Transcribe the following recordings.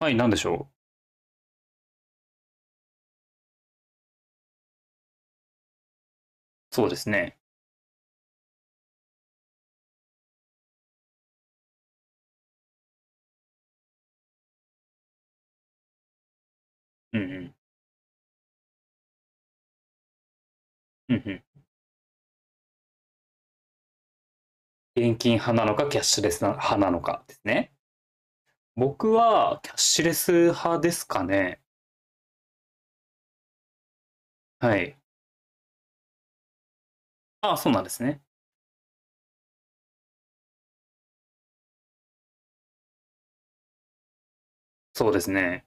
はい、なんでしょう。そうですね。う。んうん。うんうん。現金派なのか、キャッシュレス派なのかですね。僕は、キャッシュレス派ですかね。はい。ああ、そうなんですね。そうですね。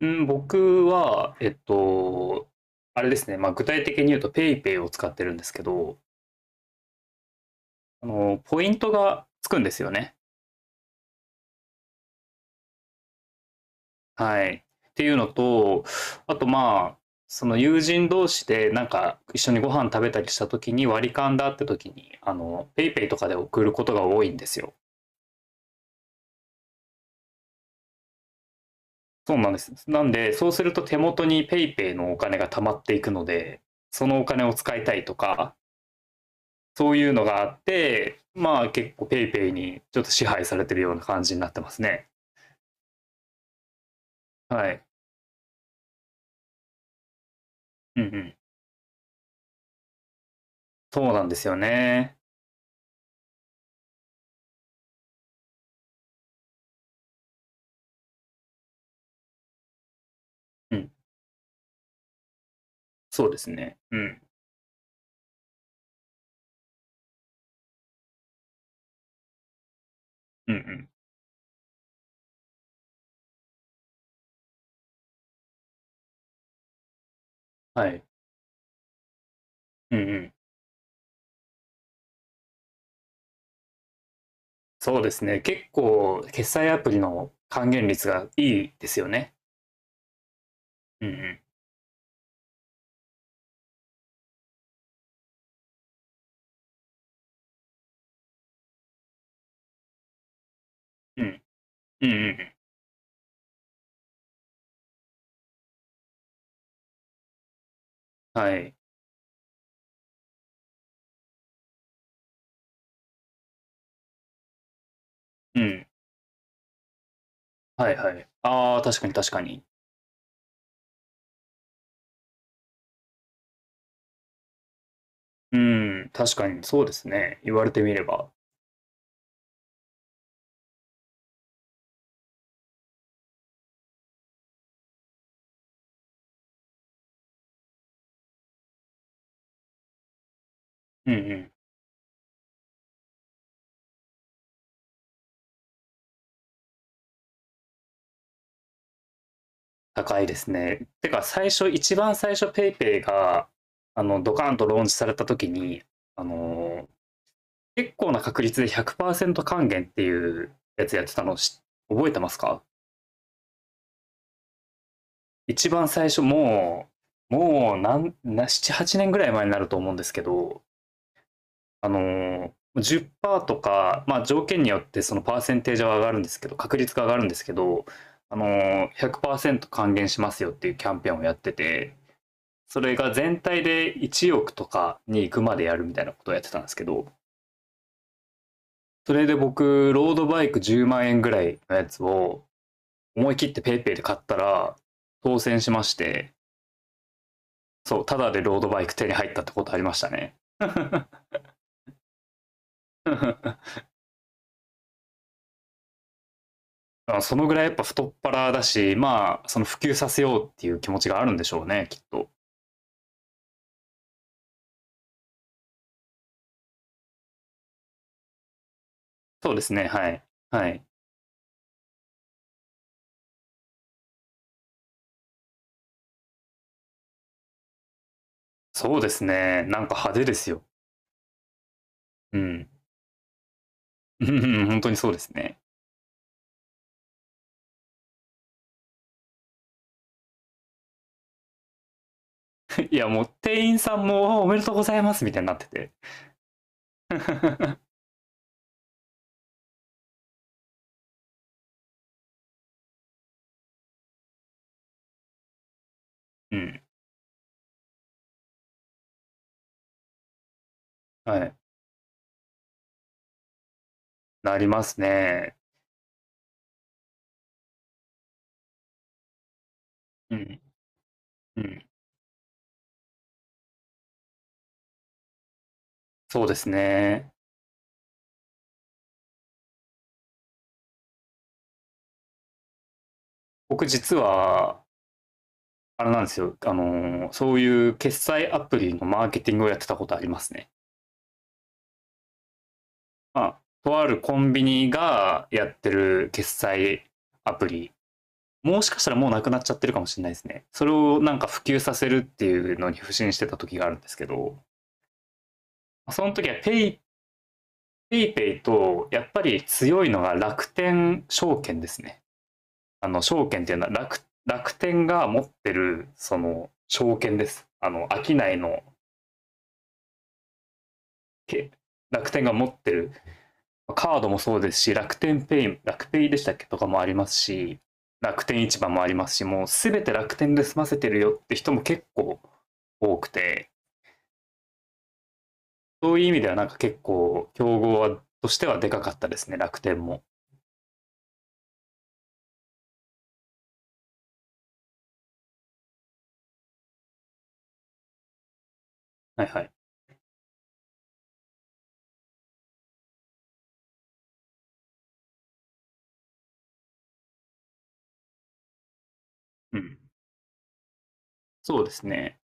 うん、僕は、あれですね。まあ、具体的に言うと、ペイペイを使ってるんですけど、ポイントがつくんですよね。はい。っていうのと、あとまあ、その友人同士でなんか一緒にご飯食べたりした時に割り勘だって時に、ペイペイとかで送ることが多いんですよ。そうなんです。なんで、そうすると手元にペイペイのお金が溜まっていくので、そのお金を使いたいとか、そういうのがあって、まあ結構ペイペイにちょっと支配されてるような感じになってますね。はい。うんうん。そうなんですよね。うん。そうですね。うん。うんうん。はい。うんうん。そうですね。結構、決済アプリの還元率がいいですよね。うんうん。うん。うんうんうん。はい。うん。はいはい。ああ、確かに確かに。うん。確かに、そうですね。言われてみれば。うんうん。高いですね。てか、最初、一番最初、ペイペイが、ドカンとローンチされた時に、あのー結構な確率で100%還元っていうやつやってたのし覚えてますか？一番最初、もう、もう、なんな、7、8年ぐらい前になると思うんですけど、あの10%とか、まあ、条件によってそのパーセンテージは上がるんですけど、確率が上がるんですけど、100%還元しますよっていうキャンペーンをやってて、それが全体で1億とかに行くまでやるみたいなことをやってたんですけど、それで僕、ロードバイク10万円ぐらいのやつを思い切って PayPay で買ったら当選しまして、そう、ただでロードバイク手に入ったってことありましたね。そのぐらいやっぱ太っ腹だし、まあ、その普及させようっていう気持ちがあるんでしょうね、きっと。そうですね、はい。はい。そうですね、なんか派手ですよ。うん。うん、本当にそうですね。いや、もう店員さんもおめでとうございますみたいになってて。うん。はい。なりますね。うん。うん。そうですね。僕実は、あれなんですよ。そういう決済アプリのマーケティングをやってたことありますね。まあ、とあるコンビニがやってる決済アプリ。もしかしたらもうなくなっちゃってるかもしれないですね。それをなんか普及させるっていうのに不信してた時があるんですけど、その時は PayPay ペイペイと、やっぱり強いのが楽天証券ですね。証券っていうのは楽天が持ってる、その、証券です。商いの、け楽天が持ってるカードもそうですし、楽天ペイ、楽ペイでしたっけとかもありますし、楽天市場もありますし、もうすべて楽天で済ませてるよって人も結構多くて、そういう意味ではなんか結構、競合はとしてはでかかったですね、楽天も。はいはい。うん。そうですね。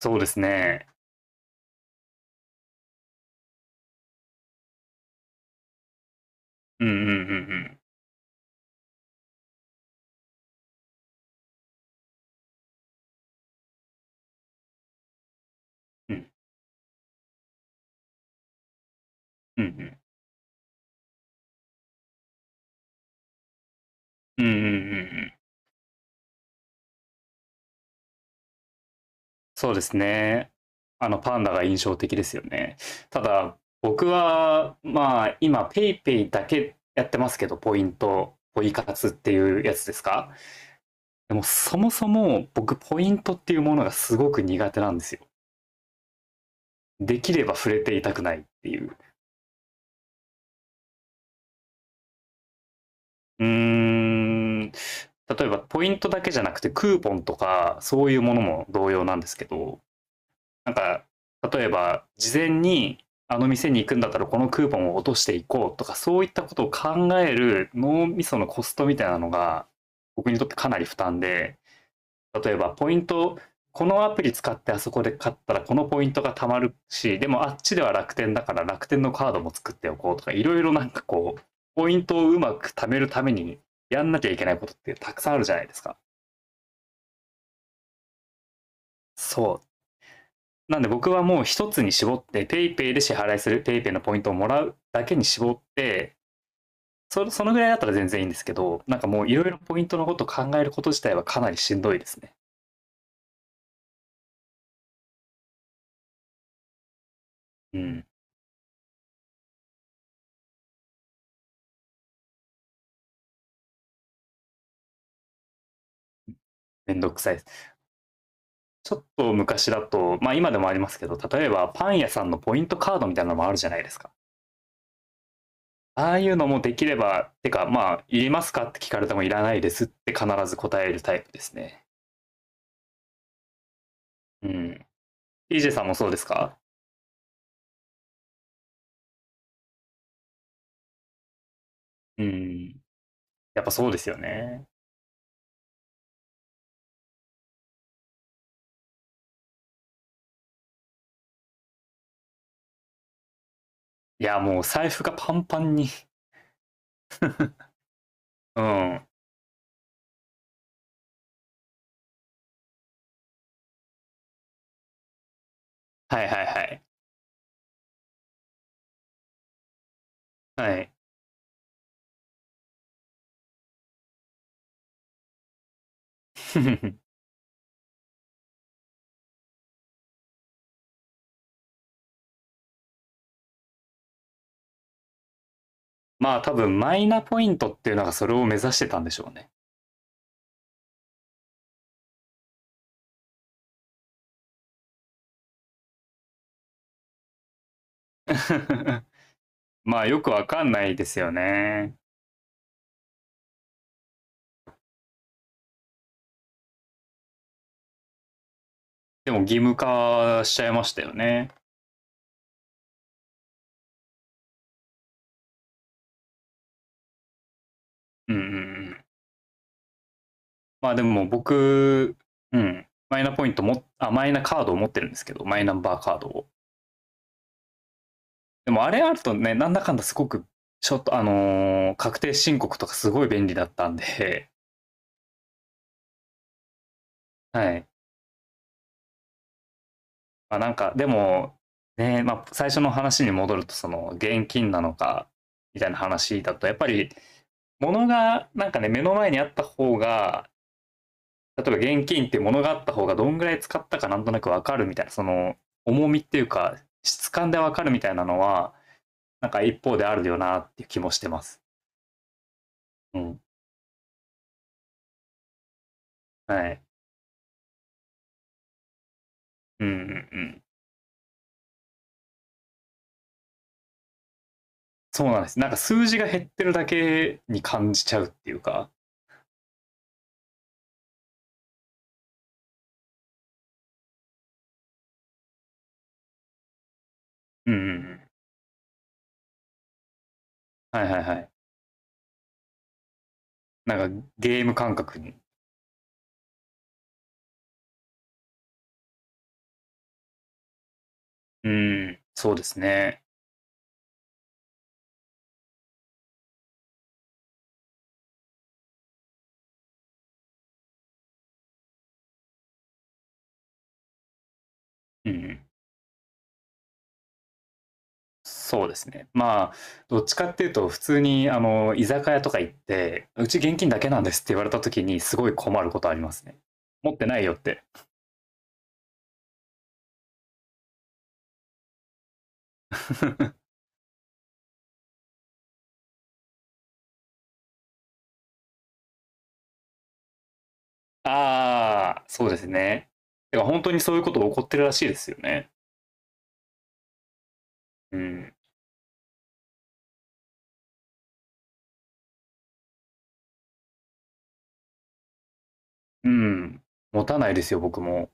そうですね。うんうんうんうん。うんうんうん。うんうんうんうん。そうですね。パンダが印象的ですよね。ただ、僕は、まあ、今、ペイペイだけやってますけど、ポイ活っていうやつですか？でも、そもそも僕、ポイントっていうものがすごく苦手なんですよ。できれば触れていたくないっていう。うーん、例えば、ポイントだけじゃなくて、クーポンとか、そういうものも同様なんですけど、なんか、例えば、事前に、あの店に行くんだったらこのクーポンを落としていこうとか、そういったことを考える脳みそのコストみたいなのが、僕にとってかなり負担で、例えば、ポイント、このアプリ使ってあそこで買ったらこのポイントが貯まるし、でもあっちでは楽天だから楽天のカードも作っておこうとか、いろいろなんかこう、ポイントをうまく貯めるためにやんなきゃいけないことってたくさんあるじゃないですか。そう。なんで僕はもう一つに絞って、PayPay で支払いする、PayPay のポイントをもらうだけに絞って、そのぐらいだったら全然いいんですけど、なんかもういろいろポイントのことを考えること自体はかなりしんどいですね。うん。めんどくさいです。ちょっと昔だと、まあ今でもありますけど、例えばパン屋さんのポイントカードみたいなのもあるじゃないですか。ああいうのもできれば、てかまあ、いりますかって聞かれてもいらないですって必ず答えるタイプですね。うん。EJ さんもそうですか？うん。やっぱそうですよね。いや、もう財布がパンパンに。うん。はいはいはい。はい。まあ多分マイナポイントっていうのがそれを目指してたんでしょうね。まあよくわかんないですよね。でも義務化しちゃいましたよね。うんうんうん。まあでも僕、うん。マイナポイントも、あ、マイナカードを持ってるんですけど、マイナンバーカードを。でもあれあるとね、なんだかんだすごく、ちょっと確定申告とかすごい便利だったんで、はい。まあなんかでもね、まあ、最初の話に戻るとその現金なのかみたいな話だと、やっぱり物がなんかね、目の前にあった方が、例えば現金って物があった方がどんぐらい使ったかなんとなく分かるみたいな、その重みっていうか質感で分かるみたいなのは、なんか一方であるよなっていう気もしてます。うん、はい、うんうんうん、そうなんです。なんか数字が減ってるだけに感じちゃうっていうか、うん、うん、はいはいはい。なんかゲーム感覚に、うん、そうですね。うん、そうですね。まあ、どっちかっていうと、普通に、居酒屋とか行って、うち現金だけなんですって言われた時に、すごい困ることありますね。持ってないよって。ああ、そうですね。てか、ほんにそういうこと起こってるらしいですよね。うん。うん。持たないですよ、僕も。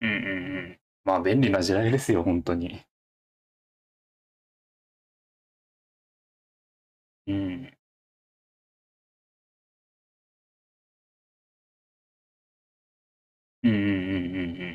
うんうんうん。まあ、便利な時代ですよ、本当に。うん。うんうんうんうんうん。